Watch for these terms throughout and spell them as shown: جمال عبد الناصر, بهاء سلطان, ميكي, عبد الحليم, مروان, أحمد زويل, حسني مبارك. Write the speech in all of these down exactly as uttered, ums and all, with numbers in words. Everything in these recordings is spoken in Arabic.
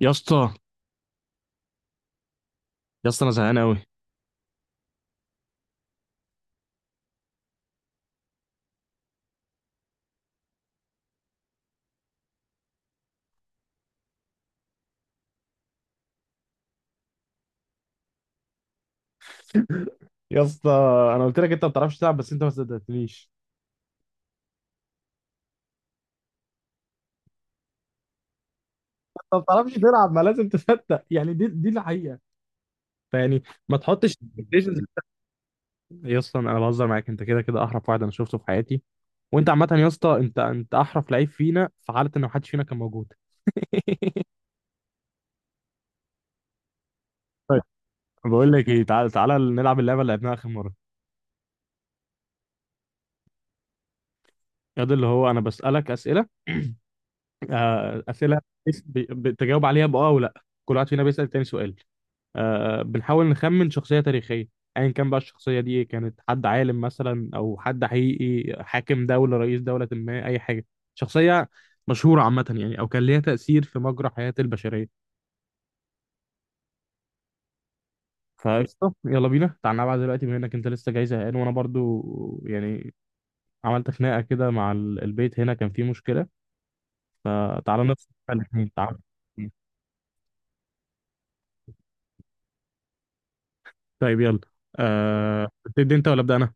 يا اسطى. يا اسطى، انا زهقان قوي. يا اسطى، انا قلت لك انت ما بتعرفش تلعب بس انت ما صدقتنيش. انت ما بتعرفش تلعب، ما لازم تصدق، يعني دي دي الحقيقه. فيعني ما تحطش expectations. يا اسطى، انا بهزر معاك، انت كده كده احرف واحد انا شفته في حياتي. وانت عامه يا اسطى، انت انت احرف لعيب فينا في حاله ان ما حدش فينا كان موجود. طيب، بقول لك ايه، تعال تعالى نلعب اللعبه اللي لعبناها اخر مره. يا ده اللي هو انا بسالك اسئله. آه، اسئله. بس- ب- بتجاوب عليها باه او لا، كل واحد فينا بيسال تاني سؤال. آه، بنحاول نخمن شخصية تاريخية. أيا كان بقى الشخصية دي إيه، كانت حد عالم مثلا أو حد حقيقي، حاكم دولة، رئيس دولة، ما أي حاجة. شخصية مشهورة عامة، يعني أو كان ليها تأثير في مجرى حياة البشرية. فقشطة، يلا بينا تعال نلعب دلوقتي، بما إنك أنت لسه جاي زهقان وأنا برضو يعني عملت خناقة كده مع ال- البيت، هنا كان فيه مشكلة. فتعالى نفس الاتنين، تعال. طيب يلا. أه... تبدأ أنت ولا أبدأ أنا؟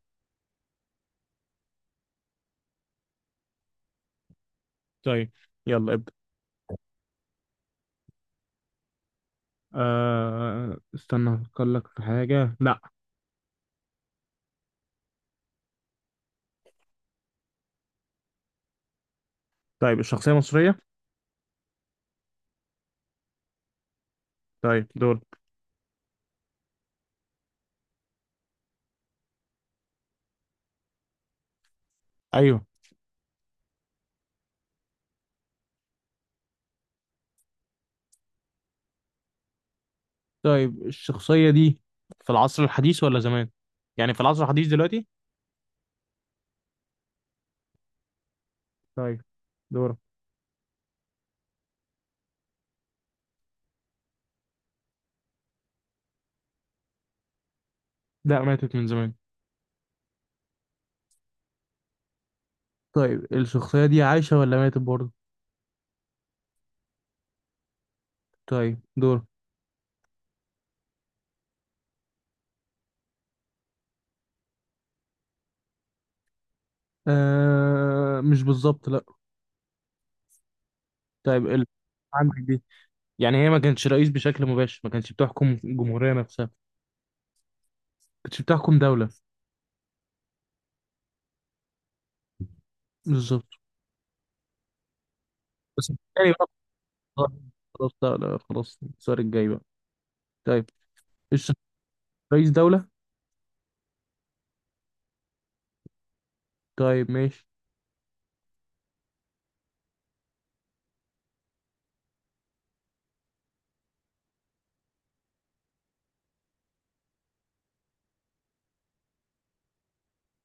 طيب يلا ابدأ. أه استنى افكر لك في حاجة، لا. طيب الشخصية مصرية. طيب دول. ايوه. طيب الشخصية دي في العصر الحديث ولا زمان؟ يعني في العصر الحديث دلوقتي. طيب دور. لا، ماتت من زمان. طيب الشخصية دي عايشة ولا ماتت برضه؟ طيب دور. أه، مش بالظبط، لا. طيب ال... عندك دي، يعني هي ما كانتش رئيس بشكل مباشر، ما كانتش بتحكم الجمهورية نفسها، ما كانتش بتحكم دولة. بالظبط. بس يعني بقى- خلاص، لا لا، خلاص السؤال الجاي بقى. طيب الش- رئيس دولة. طيب ماشي.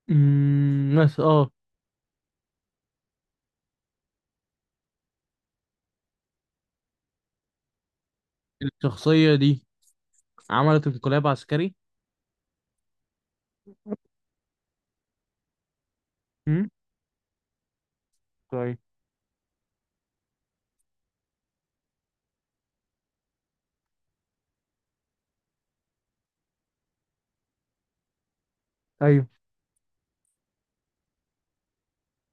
أمم، بس اه. الشخصية دي عملت انقلاب عسكري. أمم، طيب. ايوه.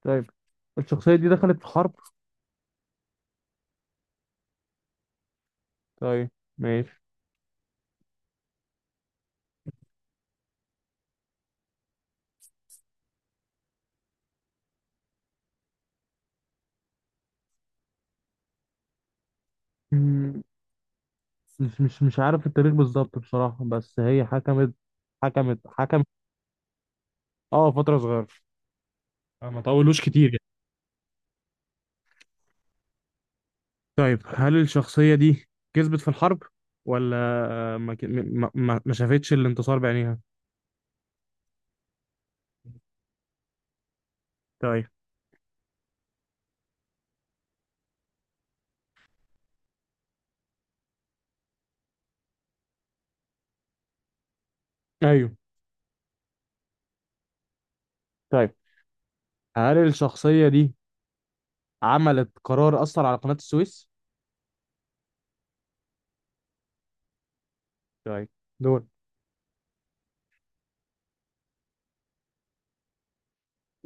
طيب الشخصية دي دخلت في حرب. طيب ماشي. أمم، مش مش مش عارف التاريخ بالظبط بصراحة، بس هي حكمت. حكمت حكمت. اه، فترة صغيرة، ما طولوش كتير يعني. طيب هل الشخصية دي كسبت في الحرب، ولا ما ك- ما ما ما شافتش الانتصار بعينيها؟ طيب. ايوه. طيب هل الشخصية دي عملت قرار أثر على قناة السويس؟ طيب دول.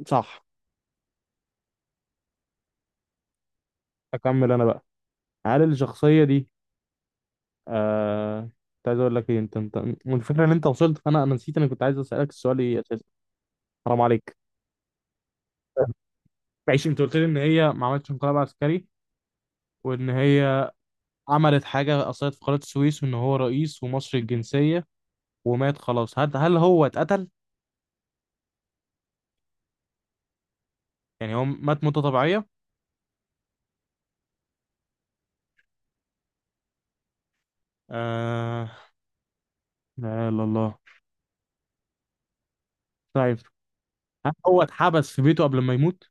صح. أكمل أنا بقى. هل الشخصية دي آه كنت عايز أقول لك إيه، أنت أنت الفكرة إن أنت وصلت فأنا أنا نسيت أنا كنت عايز أسألك السؤال إيه أساسا. حرام عليك. ماشي، أنت قلت لي إن هي ما عملتش انقلاب عسكري، وإن هي عملت حاجة أثرت في قناة السويس، وإن هو رئيس ومصري الجنسية، ومات خلاص. هل هل هو اتقتل؟ يعني هو مات موتة طبيعية؟ آه. لا إله إلا الله. طيب هل هو اتحبس في بيته قبل ما يموت؟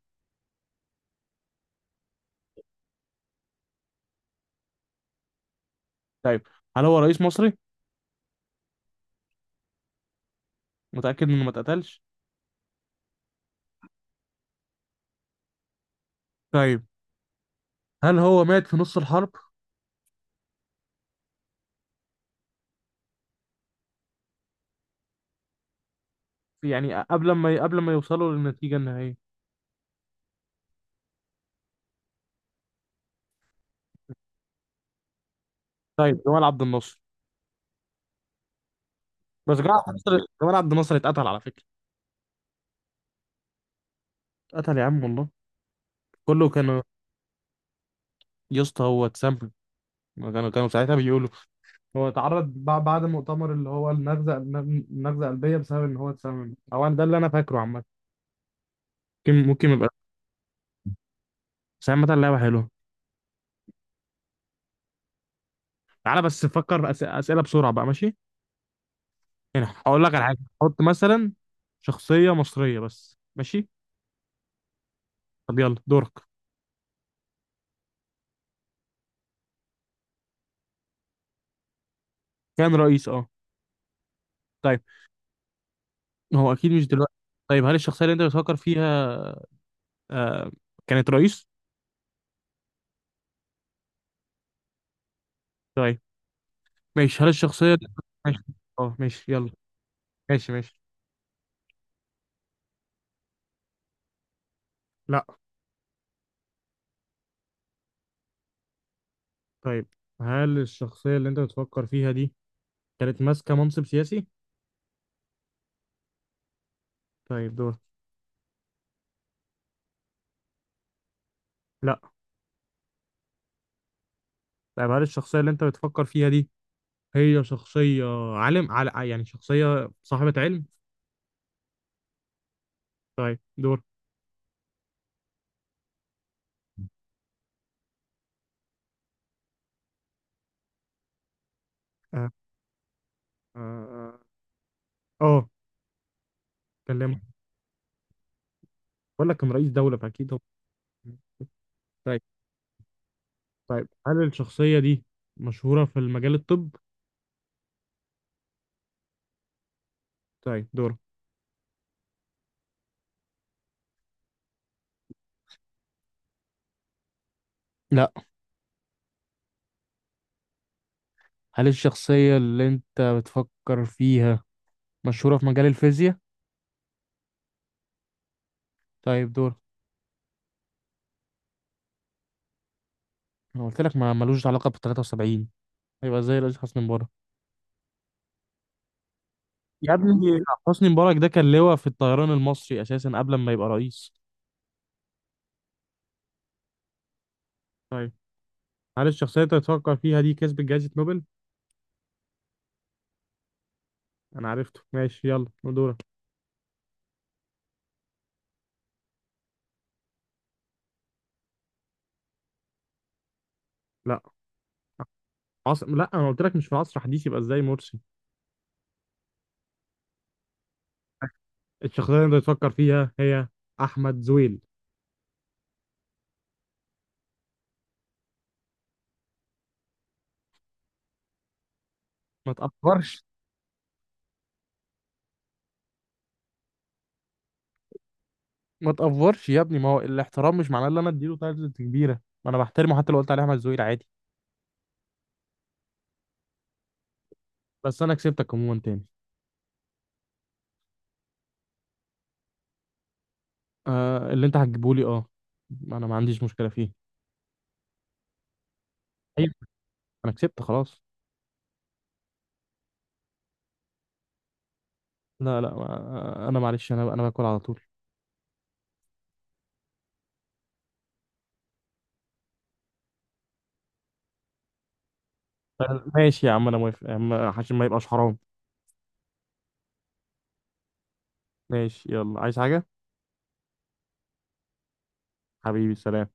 طيب هل هو رئيس مصري؟ متأكد انه ما اتقتلش. طيب هل هو مات في نص الحرب؟ يعني قبل ما قبل ما يوصلوا للنتيجة النهائية. طيب جمال عبد الناصر. بس جمال عبد الناصر، جمال عبد الناصر اتقتل على فكرة. اتقتل يا عم والله. كله كانوا. يا اسطى، هو اتسم. كانوا كانوا ساعتها بيقولوا هو اتعرض بع- بعد المؤتمر، اللي هو النغزة النغزة قلبية، بسبب ان هو اتسمم او أنا- ده اللي انا فاكره عامة. ممكن ممكن يبقى. بس عامة اللعبة حلوة. تعالى بس فكر أس- أسئلة بسرعة بقى ماشي. يعني هقول لك على حاجة، حط مثلا شخصية مصرية بس، ماشي. طب يلا دورك. كان رئيس، اه. طيب هو اكيد مش دلوقتي. طيب هل الشخصيه اللي انت بتفكر فيها آه كانت رئيس؟ طيب ماشي. هل الشخصيه اللي... ماشي. اه ماشي يلا. ماشي ماشي. لا. طيب هل الشخصيه اللي انت بتفكر فيها دي كانت ماسكه منصب سياسي؟ طيب دور. لا. طيب هل الشخصيه اللي انت بتفكر فيها دي، هي شخصيه عالم، على يعني شخصيه صاحبه علم. طيب دور. اه. اه آه. آه، كلمه. بقول لك كان رئيس دوله، فاكيد هو. طيب. طيب هل الشخصية دي مشهورة في المجال الطب؟ طيب دور. لا. هل الشخصية اللي انت بتفكر فيها مشهورة في مجال الفيزياء؟ طيب دور. انا قلت لك ما ملوش علاقة بال تلاتة وسبعين، هيبقى زي رئيس حسني مبارك. يا ابني، حسني مبارك ده كان لواء في الطيران المصري اساسا قبل ما يبقى رئيس. طيب هل الشخصية اللي تفكر فيها دي كسبت جائزة نوبل؟ أنا عرفته، ماشي يلا دورك. لا عصر، لا، أنا قلت لك مش في عصر حديث، يبقى إزاي مرسي. الشخصية اللي أنت تفكر فيها هي أحمد زويل. ما تأفورش. ما تقفرش يا ابني، ما هو الاحترام مش معناه ان انا اديله تايتلز كبيره، ما انا بحترمه حتى لو قلت عليه احمد زويل عادي. بس انا كسبتك عموما تاني. آه، اللي انت هتجيبه لي، اه انا ما عنديش مشكله فيه. ايوه، انا كسبت خلاص. لا لا ما- انا معلش، انا انا باكل على طول. طيب، ماشي يا عم، انا موافق يا عم، عشان ما يبقاش حرام. ماشي يلا، عايز حاجه؟ حبيبي سلام.